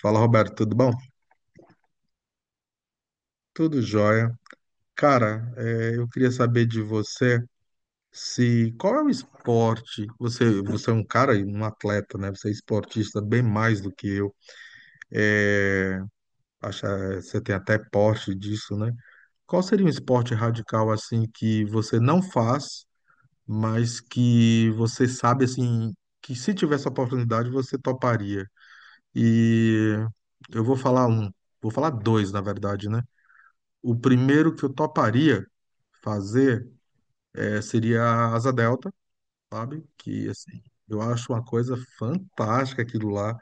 Fala, Roberto, tudo bom? Tudo jóia. Cara, eu queria saber de você se qual é o esporte? Você é um cara, e um atleta, né? Você é esportista bem mais do que eu. Acha, você tem até porte disso, né? Qual seria um esporte radical assim que você não faz, mas que você sabe assim que se tivesse a oportunidade você toparia? E eu vou falar um, vou falar dois, na verdade, né? O primeiro que eu toparia fazer seria a Asa Delta, sabe? Que, assim, eu acho uma coisa fantástica aquilo lá.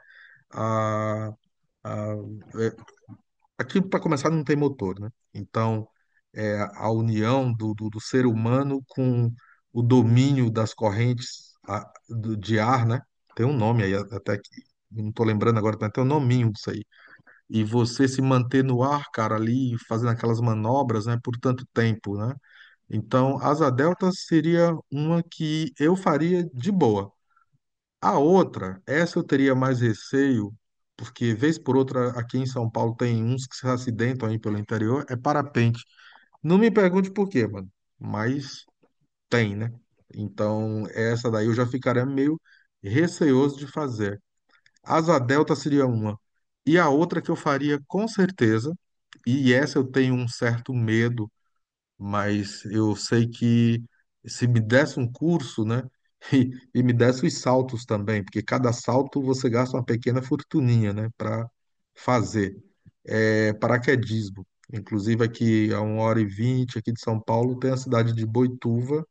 A, a, é, Aquilo, para começar, não tem motor, né? Então, é a união do ser humano com o domínio das correntes de ar, né? Tem um nome aí até que eu não tô lembrando agora, tem até um nominho disso aí. E você se manter no ar, cara, ali fazendo aquelas manobras, né, por tanto tempo, né? Então, asa delta seria uma que eu faria de boa. A outra, essa eu teria mais receio, porque vez por outra aqui em São Paulo tem uns que se acidentam aí pelo interior, é parapente. Não me pergunte por quê, mano, mas tem, né? Então, essa daí eu já ficaria meio receoso de fazer. Asa delta seria uma. E a outra que eu faria com certeza, e essa eu tenho um certo medo mas eu sei que se me desse um curso, né, e me desse os saltos também, porque cada salto você gasta uma pequena fortuninha, né, para fazer. É, paraquedismo. Inclusive aqui a 1h20 aqui de São Paulo tem a cidade de Boituva,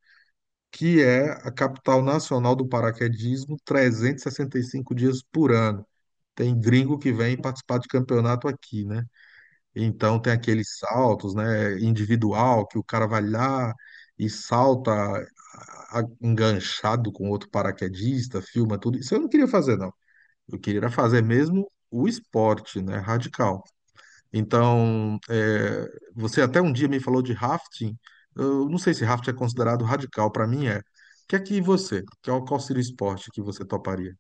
que é a capital nacional do paraquedismo, trezentos e sessenta e cinco dias por ano. Tem gringo que vem participar de campeonato aqui, né? Então tem aqueles saltos, né, individual que o cara vai lá e salta enganchado com outro paraquedista, filma tudo. Isso eu não queria fazer, não. Eu queria era fazer mesmo o esporte, né, radical. Então, é, você até um dia me falou de rafting. Eu não sei se rafting é considerado radical, para mim é. O que é que você, qual seria o esporte que você toparia?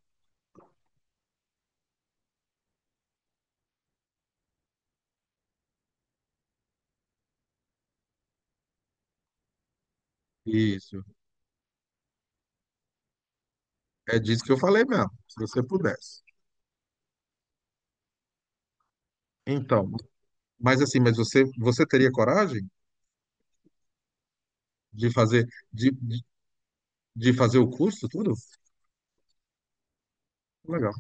Isso. É disso que eu falei mesmo, se você pudesse. Então, mas assim, mas você teria coragem? De fazer, de, de de fazer o curso, tudo? Legal.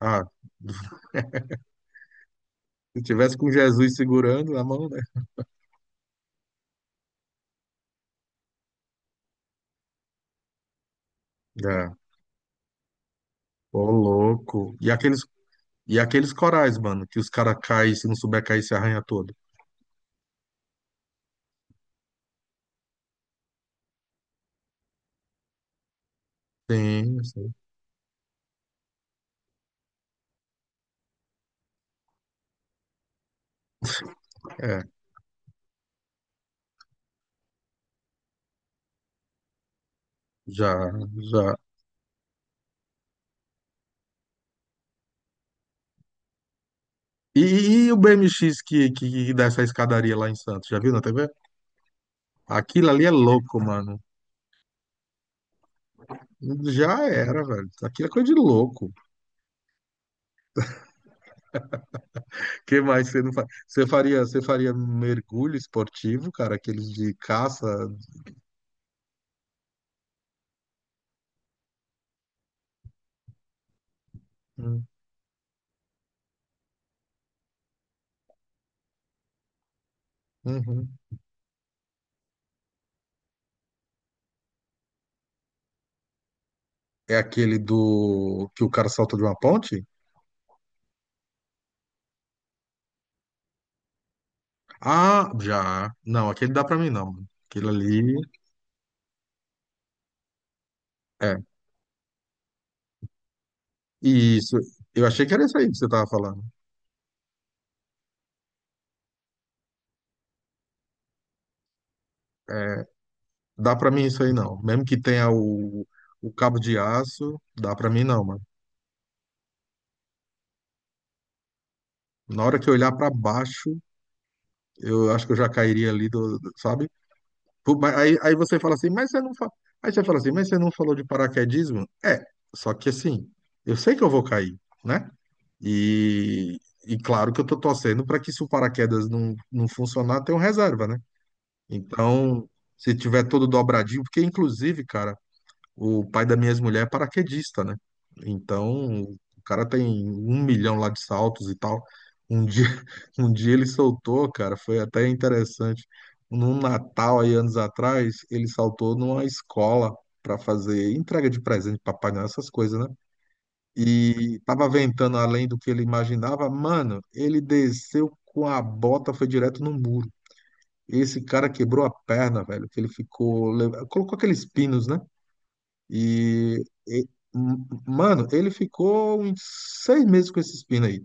Ah, se tivesse com Jesus segurando a mão, né? É. Ô, louco. E aqueles corais, mano, que os caras caem, se não souber cair, se arranha todo. Sim, sim. É, já, já. E, e o BMX que dá essa escadaria lá em Santos, já viu na TV? Aquilo ali é louco, mano. Já era, velho. Aquilo é coisa de louco. Que mais você não faz? Você faria mergulho esportivo, cara, aqueles de caça. Hum, uhum. É aquele do que o cara salta de uma ponte? Ah, já. Não, aquele dá pra mim não. Aquele ali. É. Isso. Eu achei que era isso aí que você tava falando. É, dá pra mim isso aí não. Mesmo que tenha o cabo de aço, dá pra mim não, mano. Na hora que eu olhar pra baixo, eu acho que eu já cairia ali sabe? Pô, mas aí você fala assim, mas você não fa... Aí você fala assim, mas você não falou de paraquedismo? É, só que assim, eu sei que eu vou cair, né? E, e claro que eu tô torcendo para que se o paraquedas não, não funcionar, tenha um reserva, né? Então, se tiver todo dobradinho, porque inclusive, cara, o pai da minha ex-mulher é paraquedista, né? Então, o cara tem um milhão lá de saltos e tal. Um dia, um dia ele soltou, cara, foi até interessante. Num Natal aí anos atrás, ele saltou numa escola para fazer entrega de presente, Papai Noel, essas coisas, né? E tava ventando além do que ele imaginava. Mano, ele desceu com a bota, foi direto no muro. Esse cara quebrou a perna, velho, que ele ficou. Colocou aqueles pinos, né? E. e- Mano, ele ficou uns 6 meses com esses pinos aí.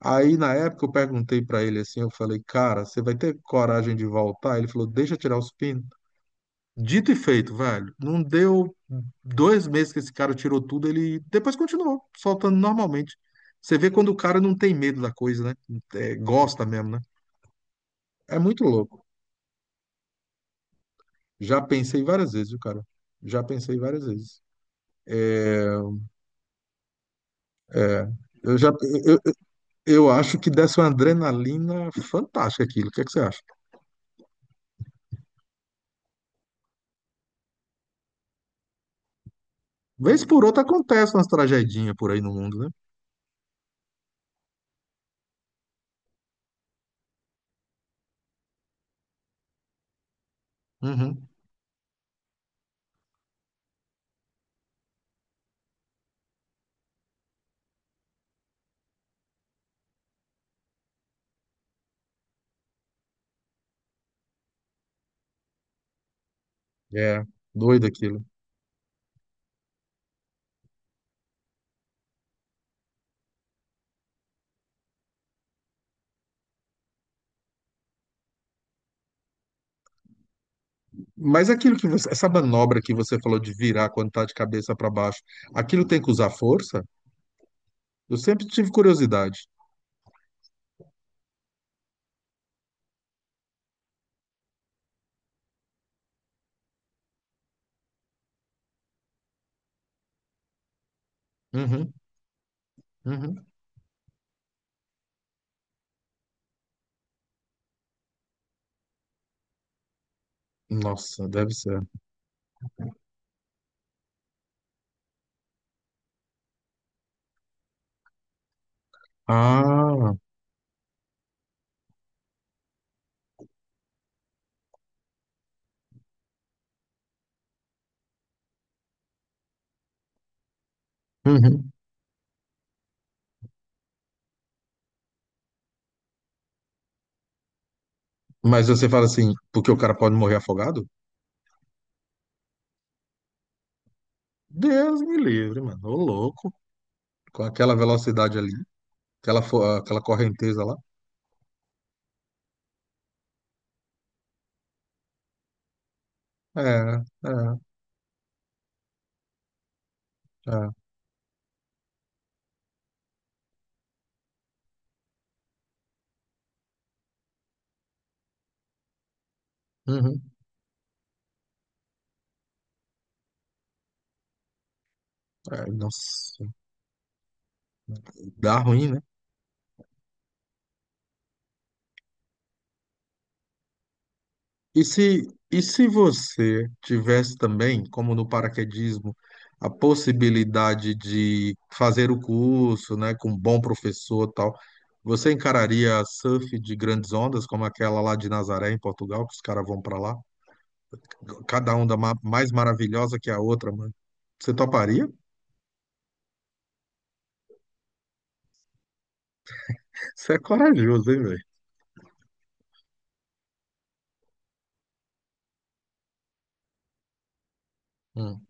Aí, na época, eu perguntei pra ele assim: eu falei, cara, você vai ter coragem de voltar? Ele falou, deixa eu tirar os pinos. Dito e feito, velho. Não deu 2 meses que esse cara tirou tudo, ele depois continuou soltando normalmente. Você vê quando o cara não tem medo da coisa, né? É, gosta mesmo, né? É muito louco. Já pensei várias vezes, viu, cara? Já pensei várias vezes. Eu já, eu, eu acho que desse uma adrenalina fantástica aquilo. O que é que você acha? Vez por outra acontece umas tragedinhas por aí no mundo, né? Uhum. É, doido aquilo. Mas aquilo que você, essa manobra que você falou de virar quando tá de cabeça para baixo, aquilo tem que usar força? Eu sempre tive curiosidade. Uhum, uhum. Nossa, deve ser. Ah, uhum. Mas você fala assim, porque o cara pode morrer afogado? Deus me livre, mano. Ô louco, com aquela velocidade ali, aquela correnteza lá. É, é, é. Uhum. É, nossa, dá ruim, né? E se você tivesse também, como no paraquedismo, a possibilidade de fazer o curso, né, com um bom professor e tal, você encararia surf de grandes ondas, como aquela lá de Nazaré, em Portugal, que os caras vão para lá? Cada onda mais maravilhosa que a outra, mano. Você toparia? Você é corajoso, hein, velho? Hum,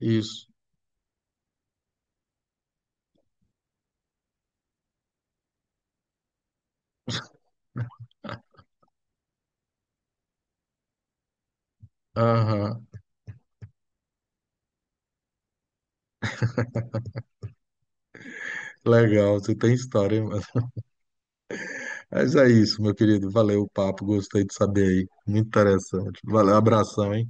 isso. Aham. Legal, você tem história, hein, mano? Mas é isso, meu querido. Valeu o papo, gostei de saber aí. Muito interessante. Valeu, abração, hein?